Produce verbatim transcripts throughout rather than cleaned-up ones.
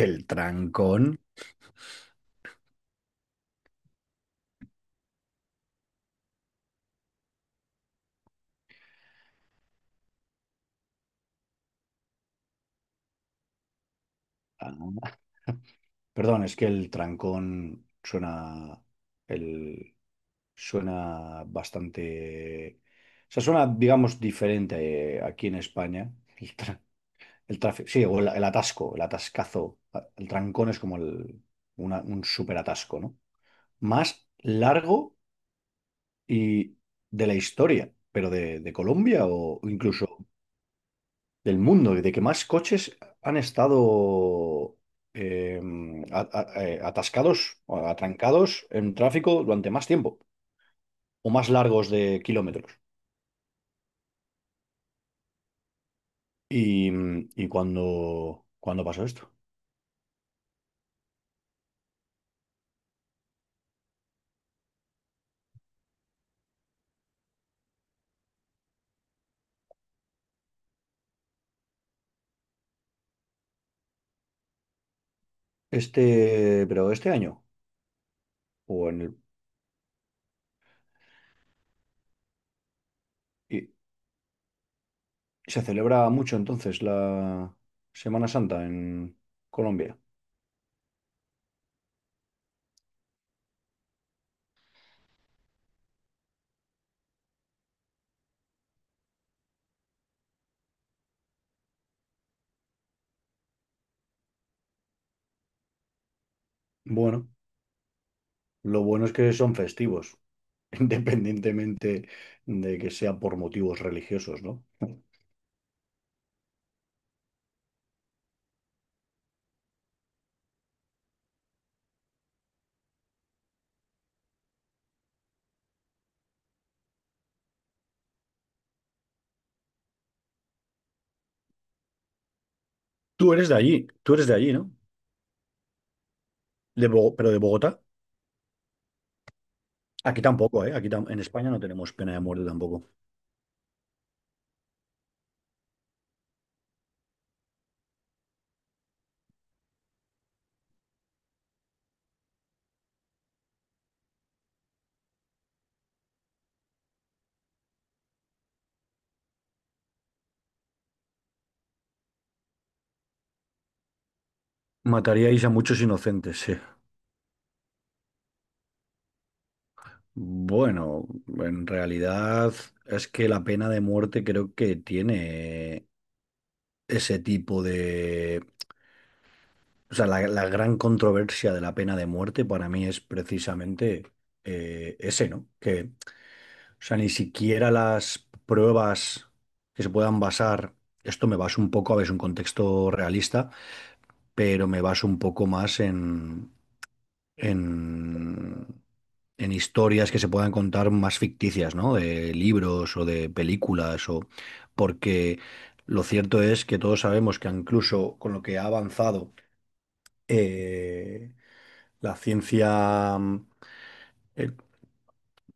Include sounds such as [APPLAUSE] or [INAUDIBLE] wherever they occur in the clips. Del trancón. Ah, perdón, es que el trancón suena el suena bastante, o sea, suena, digamos, diferente eh, aquí en España. El, tra- el tráfico, sí, o el, el atasco, el atascazo, el trancón es como el, una- un súper atasco, ¿no? Más largo y de la historia, pero de, de Colombia o incluso del mundo y de que más coches han estado eh, a- a- eh, atascados o atrancados en tráfico durante más tiempo o más largos de kilómetros. Y, mm, y cuando, cuando pasó esto. Este, pero este año, o en el- y se celebra mucho entonces la Semana Santa en Colombia. Bueno, lo bueno es que son festivos, [LAUGHS] independientemente de que sea por motivos religiosos, ¿no? Tú eres de allí, tú eres de allí, ¿no? De Bo- pero de Bogotá. Aquí tampoco, ¿eh? Aquí tam- en España no tenemos pena de muerte tampoco. Mataríais a muchos inocentes, sí. Bueno, en realidad es que la pena de muerte creo que tiene ese tipo de... O sea, la, la gran controversia de la pena de muerte para mí es precisamente eh, ese, ¿no? Que, o sea, ni siquiera las pruebas que se puedan basar, esto me baso un poco a ver, es un contexto realista pero me baso un poco más en, en, en historias que se puedan contar más ficticias, ¿no? De libros o de películas, o porque lo cierto es que todos sabemos que incluso con lo que ha avanzado eh, la ciencia, eh,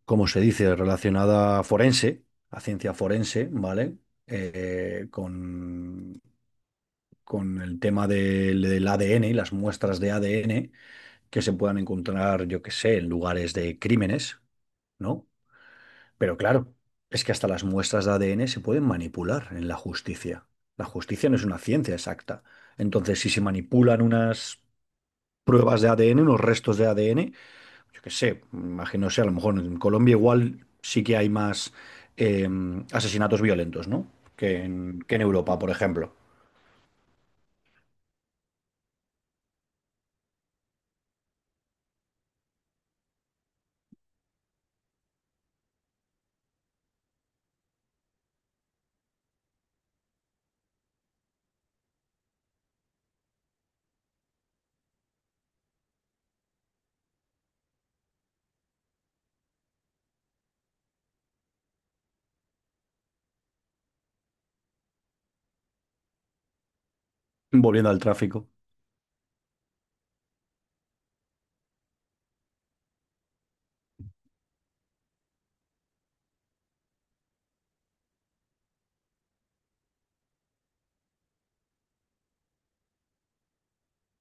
¿cómo se dice?, relacionada forense, a ciencia forense, ¿vale? Eh, con, con el tema del del A D N y las muestras de A D N que se puedan encontrar, yo qué sé, en lugares de crímenes, ¿no? Pero claro, es que hasta las muestras de A D N se pueden manipular en la justicia. La justicia no es una ciencia exacta. Entonces, si se manipulan unas pruebas de A D N, unos restos de A D N, yo qué sé, imagino sea, a lo mejor en Colombia igual sí que hay más eh, asesinatos violentos, ¿no? Que en, que en Europa, por ejemplo. Volviendo al tráfico.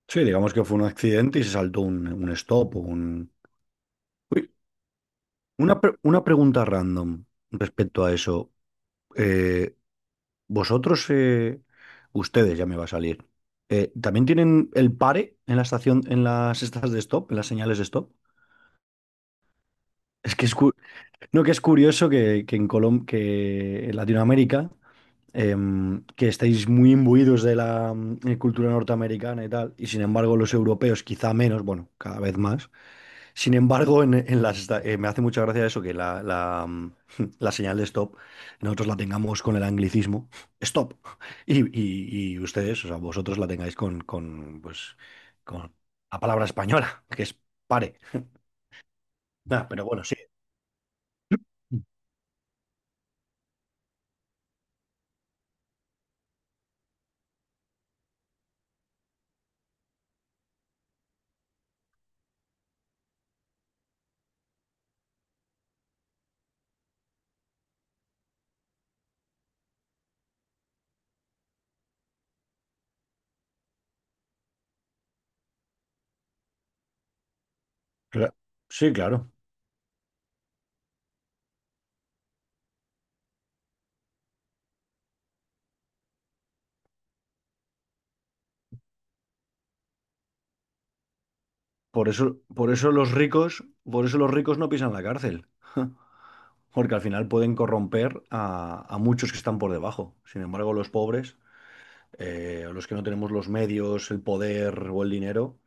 Sí, digamos que fue un accidente y se saltó un, un stop o un... Uy, Una, pre- una pregunta random respecto a eso. Eh, vosotros, eh, ustedes ya me va a salir. Eh, ¿también tienen el pare en la estación, en las estas de stop, en las señales de stop? Es que es, cu- no, que es curioso que, que en Colom- que en Latinoamérica, em, que estáis muy imbuidos de la mm, eh, cultura norteamericana y tal, y sin embargo los europeos quizá menos, bueno, cada vez más. Sin embargo, en, en las, esta- eh, me hace mucha gracia eso, que la, la, mm, [LAUGHS] la señal de stop nosotros la tengamos con el anglicismo, stop, y, y- y ustedes, o sea, vosotros la tengáis con, con, pues, con la palabra española, [LAUGHS] que es pare. Nah, pero bueno, sí, cla- sí, claro. Por eso, por eso los ricos, por eso los ricos no pisan la cárcel, [LAUGHS] porque al final pueden corromper a, a muchos que están por debajo. Sin embargo, los pobres... eh, los que no tenemos los medios, el poder o el dinero,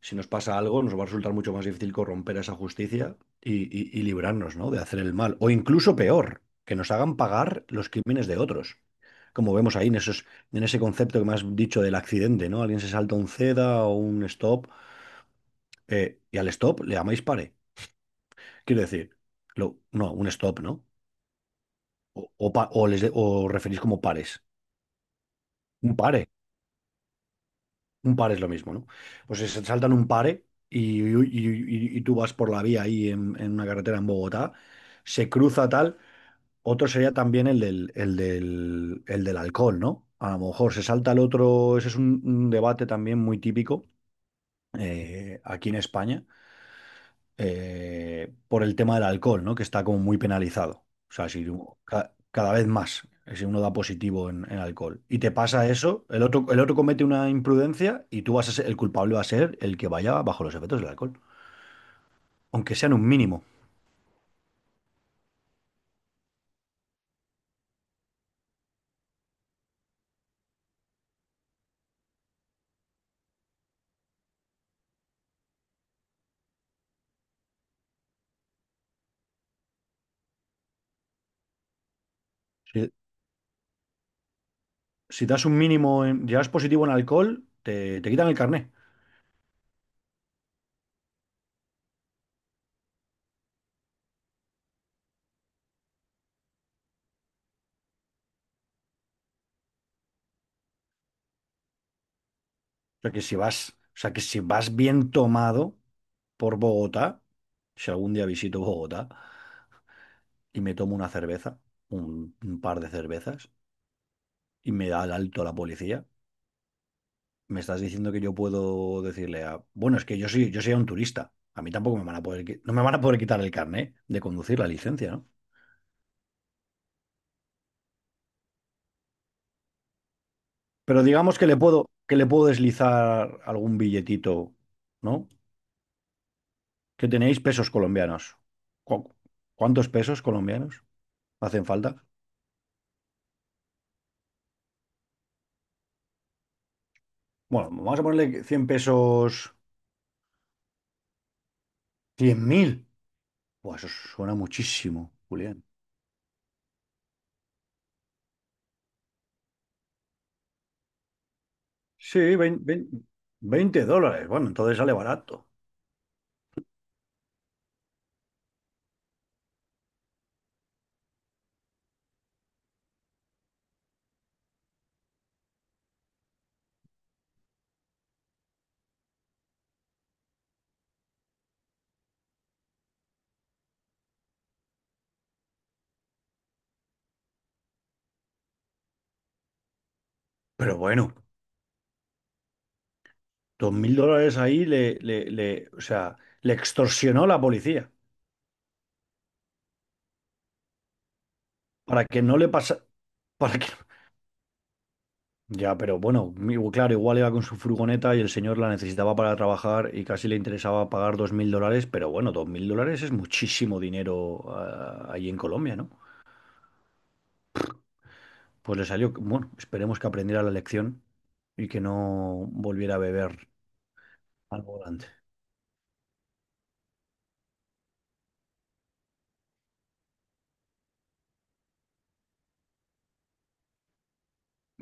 si nos pasa algo, nos va a resultar mucho más difícil corromper esa justicia y, y- y librarnos, ¿no?, de hacer el mal. O incluso peor, que nos hagan pagar los crímenes de otros. Como vemos ahí en esos, en ese concepto que me has dicho del accidente, ¿no? Alguien se salta un ceda o un stop, eh, y al stop le llamáis pare. Quiero decir, lo- no, un stop, ¿no? O, o pa- o les de- o referís como pares. Un pare. Un par es lo mismo, ¿no? Pues se saltan un pare y, y- y- y tú vas por la vía ahí en, en una carretera en Bogotá, se cruza tal. Otro sería también el del, el del, el del alcohol, ¿no? A lo mejor se salta el otro, ese es un, un debate también muy típico eh, aquí en España, eh, por el tema del alcohol, ¿no? Que está como muy penalizado. O sea, si u- ca- cada vez más, si uno da positivo en, en alcohol y te pasa eso, el otro, el otro comete una imprudencia y tú vas a ser, el culpable va a ser el que vaya bajo los efectos del alcohol, aunque sean un mínimo. Si, si das un mínimo, en, llevas positivo en alcohol, te, te quitan el carné. O sea, que si vas, o sea, que si vas bien tomado por Bogotá, si algún día visito Bogotá y me tomo una cerveza, un un par de cervezas, y me da el alto la policía. Me estás diciendo que yo puedo decirle a, bueno, es que yo soy, yo soy un turista. A mí tampoco me van a poder, qui- no me van a poder quitar el carné de conducir la licencia, ¿no? Pero digamos que le puedo, que le puedo deslizar algún billetito, ¿no? Que tenéis pesos colombianos. ¿Cu- ¿Cuántos pesos colombianos hacen falta? Bueno, vamos a ponerle cien pesos, cien mil. Buah, eso suena muchísimo, Julián. Sí, veinte vein- dólares. Bueno, entonces sale barato. Pero bueno, dos mil dólares ahí le, le, le- o sea, le extorsionó la policía para que no le pasa, [LAUGHS] para que no, ya, pero bueno, mi- claro, igual iba con su furgoneta y el señor la necesitaba para trabajar y casi le interesaba pagar dos mil dólares, pero bueno, dos mil dólares es muchísimo dinero ah, ahí en Colombia, ¿no? Pues le salió, bueno, esperemos que aprendiera la lección y que no volviera a beber al volante.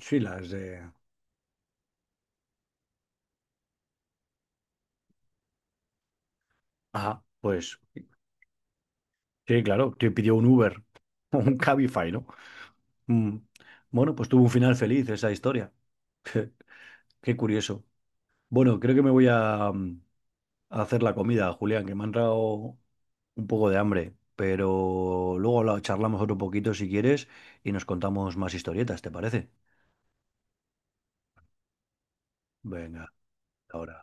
Sí, las de... Ajá, pues sí, claro, te pidió un Uber, [LAUGHS] un Cabify, ¿no? Mm. Bueno, pues tuvo un final feliz esa historia. [LAUGHS] Qué curioso. Bueno, creo que me voy a, mm, a hacer la comida, Julián, que me ha entrado un poco de hambre, pero luego la charlamos otro poquito si quieres y nos contamos más historietas, ¿te parece? Venga, ahora.